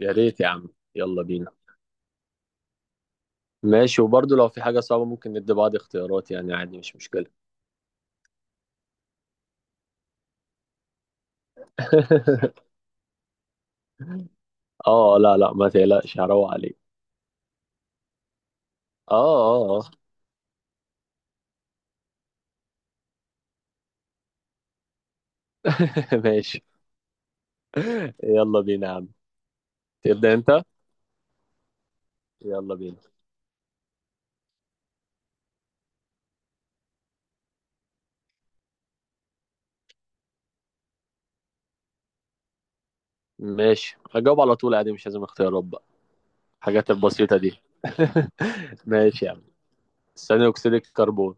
يا ريت يا عم. يلا بينا. ماشي، وبرضه لو في حاجة صعبة ممكن ندي بعض اختيارات، يعني عادي مش مشكلة. اه، لا لا، ما تقلقش، هروق عليك. اه اه اه. ماشي، يلا بينا يا عم. تبدأ انت. يلا بينا. ماشي، هجاوب على طول عادي، مش لازم اختيارات بقى. الحاجات البسيطة دي. ماشي يا عم. ثاني أكسيد الكربون.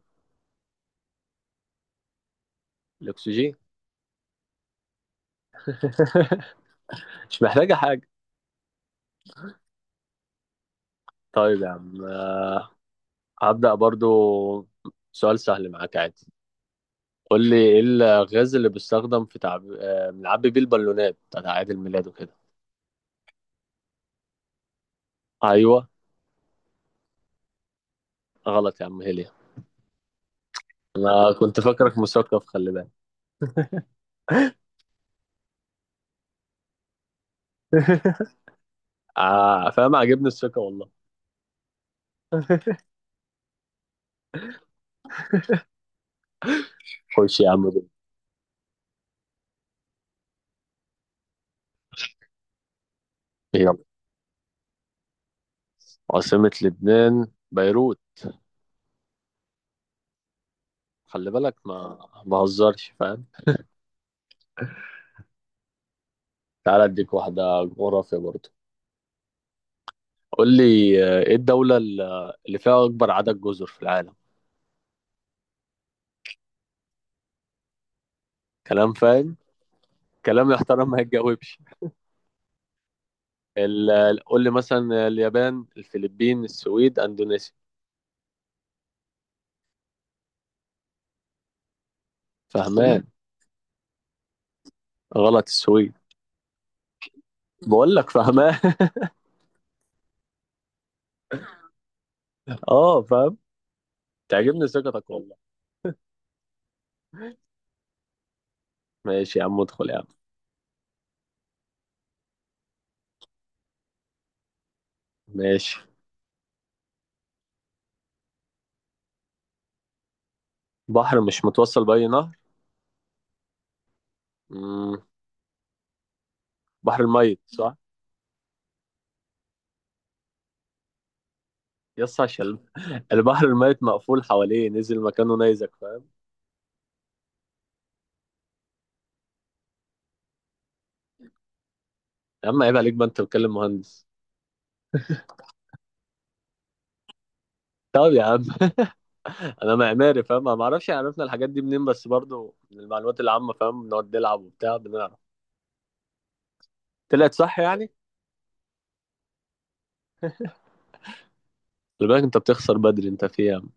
الأكسجين. مش محتاجة حاجة. طيب يا عم، هبدأ برضو. سؤال سهل معاك عادي. قول لي، ايه الغاز اللي بيستخدم في تعب... آه، بنعبي بيه البالونات بتاعت اعياد الميلاد وكده؟ ايوه. غلط يا عم، هيليا. انا كنت فاكرك مثقف، خلي بالك. فاهم؟ عاجبني الثقه والله. خش يا عم دول. يلا. عاصمة لبنان بيروت. خلي بالك، ما بهزرش، فاهم. تعال اديك واحدة جغرافيا برضه. قول لي، ايه الدولة اللي فيها اكبر عدد جزر في العالم؟ كلام فاهم. كلام يحترم ما يتجاوبش. قول لي مثلا، اليابان، الفلبين، السويد، اندونيسيا. فهمان؟ الصين. غلط. السويد. بقول لك فهمان. اه، فاهم. تعجبني ثقتك والله. ماشي يا عم، ادخل يا عم. ماشي. بحر مش متوصل بأي نهر. مم. بحر الميت، صح؟ يس، عشان البحر الميت مقفول حواليه، نزل مكانه نيزك، فاهم. يا عم عيب عليك بقى، انت بتكلم مهندس. طب يا عم انا معماري، فاهم؟ ما اعرفش عرفنا الحاجات دي منين، بس برضو من المعلومات العامة، فاهم، بنقعد نلعب وبتاع بنعرف. طلعت صح يعني؟ خلي بالك انت بتخسر بدري، انت في ايام.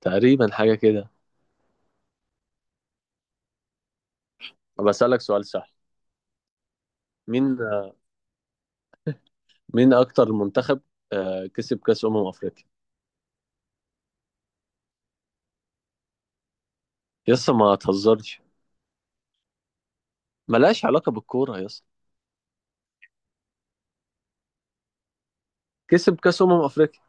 تقريبا حاجه كده. طب اسالك سؤال سهل. مين مين اكتر منتخب كسب كاس افريقيا؟ يسا ما تهزرش. ملهاش علاقه بالكوره يسا. كسب كاس افريقيا.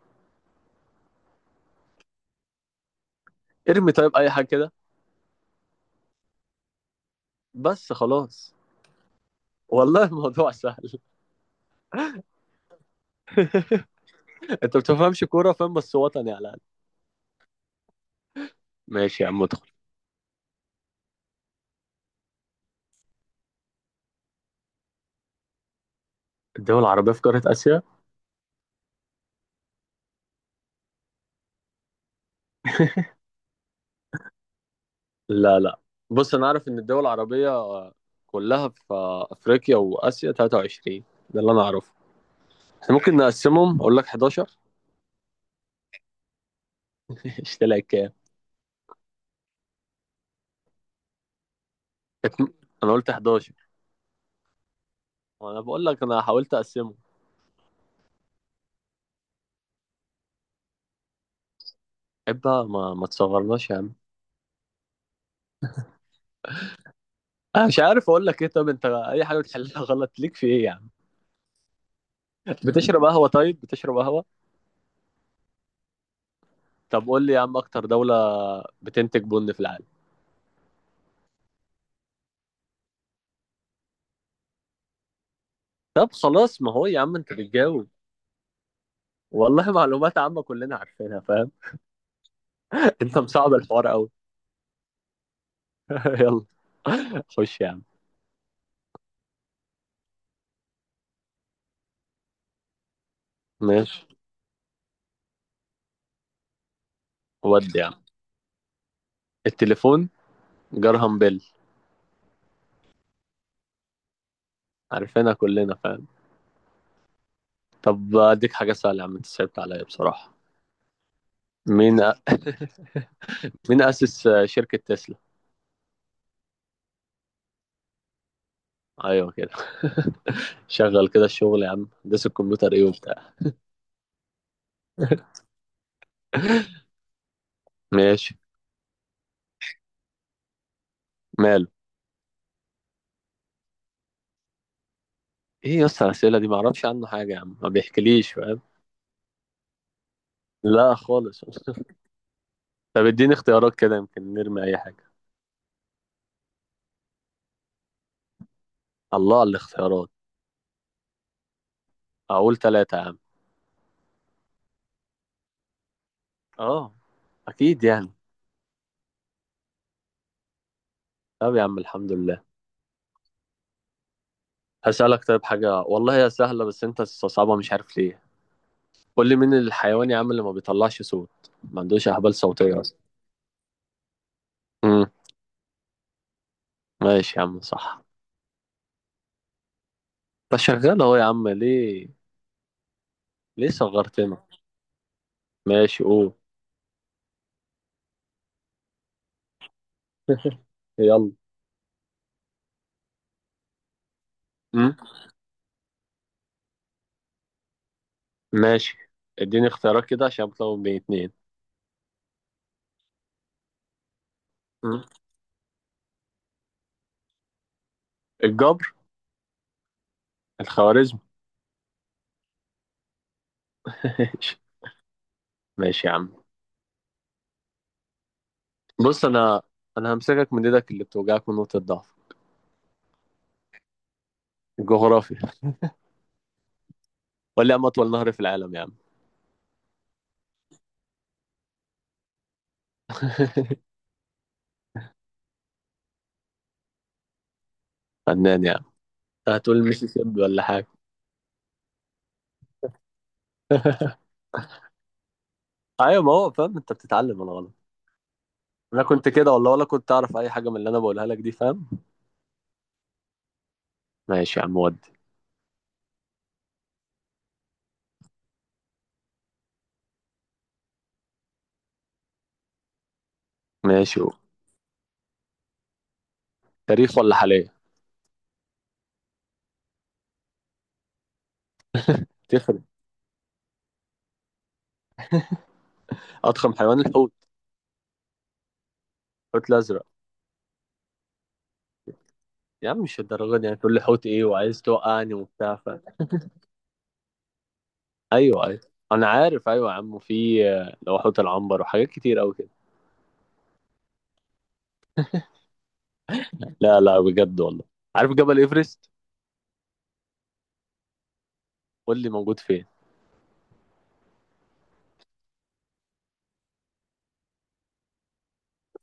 ارمي طيب اي حاجه كده. بس خلاص. والله الموضوع سهل. انت ما بتفهمش كوره، فاهم، بس وطني على الاقل. ماشي يا عم، ادخل. الدول العربيه في قاره اسيا؟ لا لا، بص، انا عارف ان الدول العربيه كلها في افريقيا واسيا 23. ده اللي انا اعرفه. احنا ممكن نقسمهم، اقول لك 11. اشتريها كام؟ كانت- انا قلت 11. وانا بقول لك انا حاولت اقسمه. عيب بقى، ما تصغرناش يا عم. انا مش عارف اقول لك ايه، طب انت اي حاجه بتحلها غلط، ليك في ايه يا عم؟ بتشرب قهوه؟ طيب بتشرب قهوه. طب قول لي يا عم، اكتر دوله بتنتج بن في العالم؟ طب خلاص، ما هو يا عم انت بتجاوب. والله معلومات عامه كلنا عارفينها، فاهم. انت مصعب الحوار قوي. يلا، خش يا عم. ماشي. ودي يا عم؟ التليفون. جرهام بيل. عارفينها كلنا، فاهم. طب اديك حاجه سهله، يا عم انت صعبت عليا بصراحه. مين مين أسس شركة تسلا؟ أيوه كده. شغل كده الشغل يا عم، هندسة الكمبيوتر إيه وبتاع. ماشي. ماله؟ إيه يا اسطى الأسئلة دي؟ معرفش عنه حاجة يا عم، ما بيحكيليش، فاهم. لا خالص. طب اديني اختيارات كده يمكن نرمي أي حاجة. الله على الاختيارات. أقول ثلاثة يا عم. أه، أكيد يعني. طب يا عم الحمد لله. هسألك طيب حاجة والله هي سهلة، بس أنت صعبة مش عارف ليه. قول لي، مين الحيوان يا عم اللي ما بيطلعش صوت، ما عندوش أحبال صوتية أصلا؟ امم. ماشي يا عم، صح. بس شغال اهو يا عم، ليه؟ ليه صغرتنا؟ ماشي، قول. يلا. أمم. ماشي. اديني اختيارات كده، عشان بتلخبط بين اتنين. أمم. الجبر. الخوارزم. ماشي. ماشي يا عم. بص، انا همسكك من ايدك اللي بتوجعك، من نقطة ضعف. الجغرافيا. ولا يا عم اطول نهر في العالم يا عم؟ فنان يا عم. هتقول المسيسيبي ولا حاجة؟ ايوه، ما هو فاهم انت بتتعلم ولا غلط. انا كنت كده والله، ولا كنت اعرف اي حاجة من اللي انا بقولها لك دي، فاهم. ماشي يا عم. ودي؟ ماشي، قول. تاريخ ولا حالية؟ تفرق. اضخم حيوان الحوت. الحوت الازرق. يا عم مش الدرجه دي يعني، تقول لي حوت ايه وعايز توقعني وبتاع ايوه ايوه، انا عارف، ايوه يا عم، وفي لو حوت العنبر وحاجات كتير قوي كده. لا لا، بجد والله. عارف جبل ايفرست؟ قول لي، موجود فين؟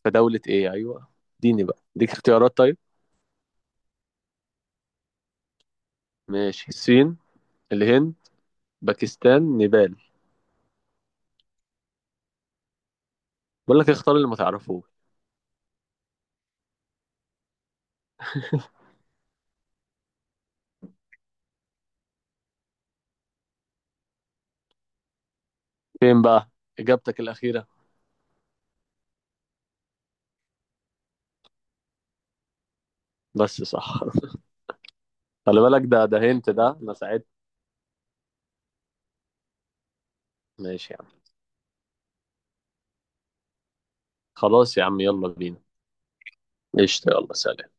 في دولة ايه، ايوه. اديني بقى، اديك اختيارات طيب. ماشي. الصين، الهند، باكستان، نيبال. بقول لك اختار اللي ما تعرفوه. فين بقى؟ اجابتك الاخيرة. بس صح. خلي بالك، ده هنت ده، انا ساعدت. ماشي يا عم. خلاص يا عم، يلا بينا. قشطة، يلا، سلام.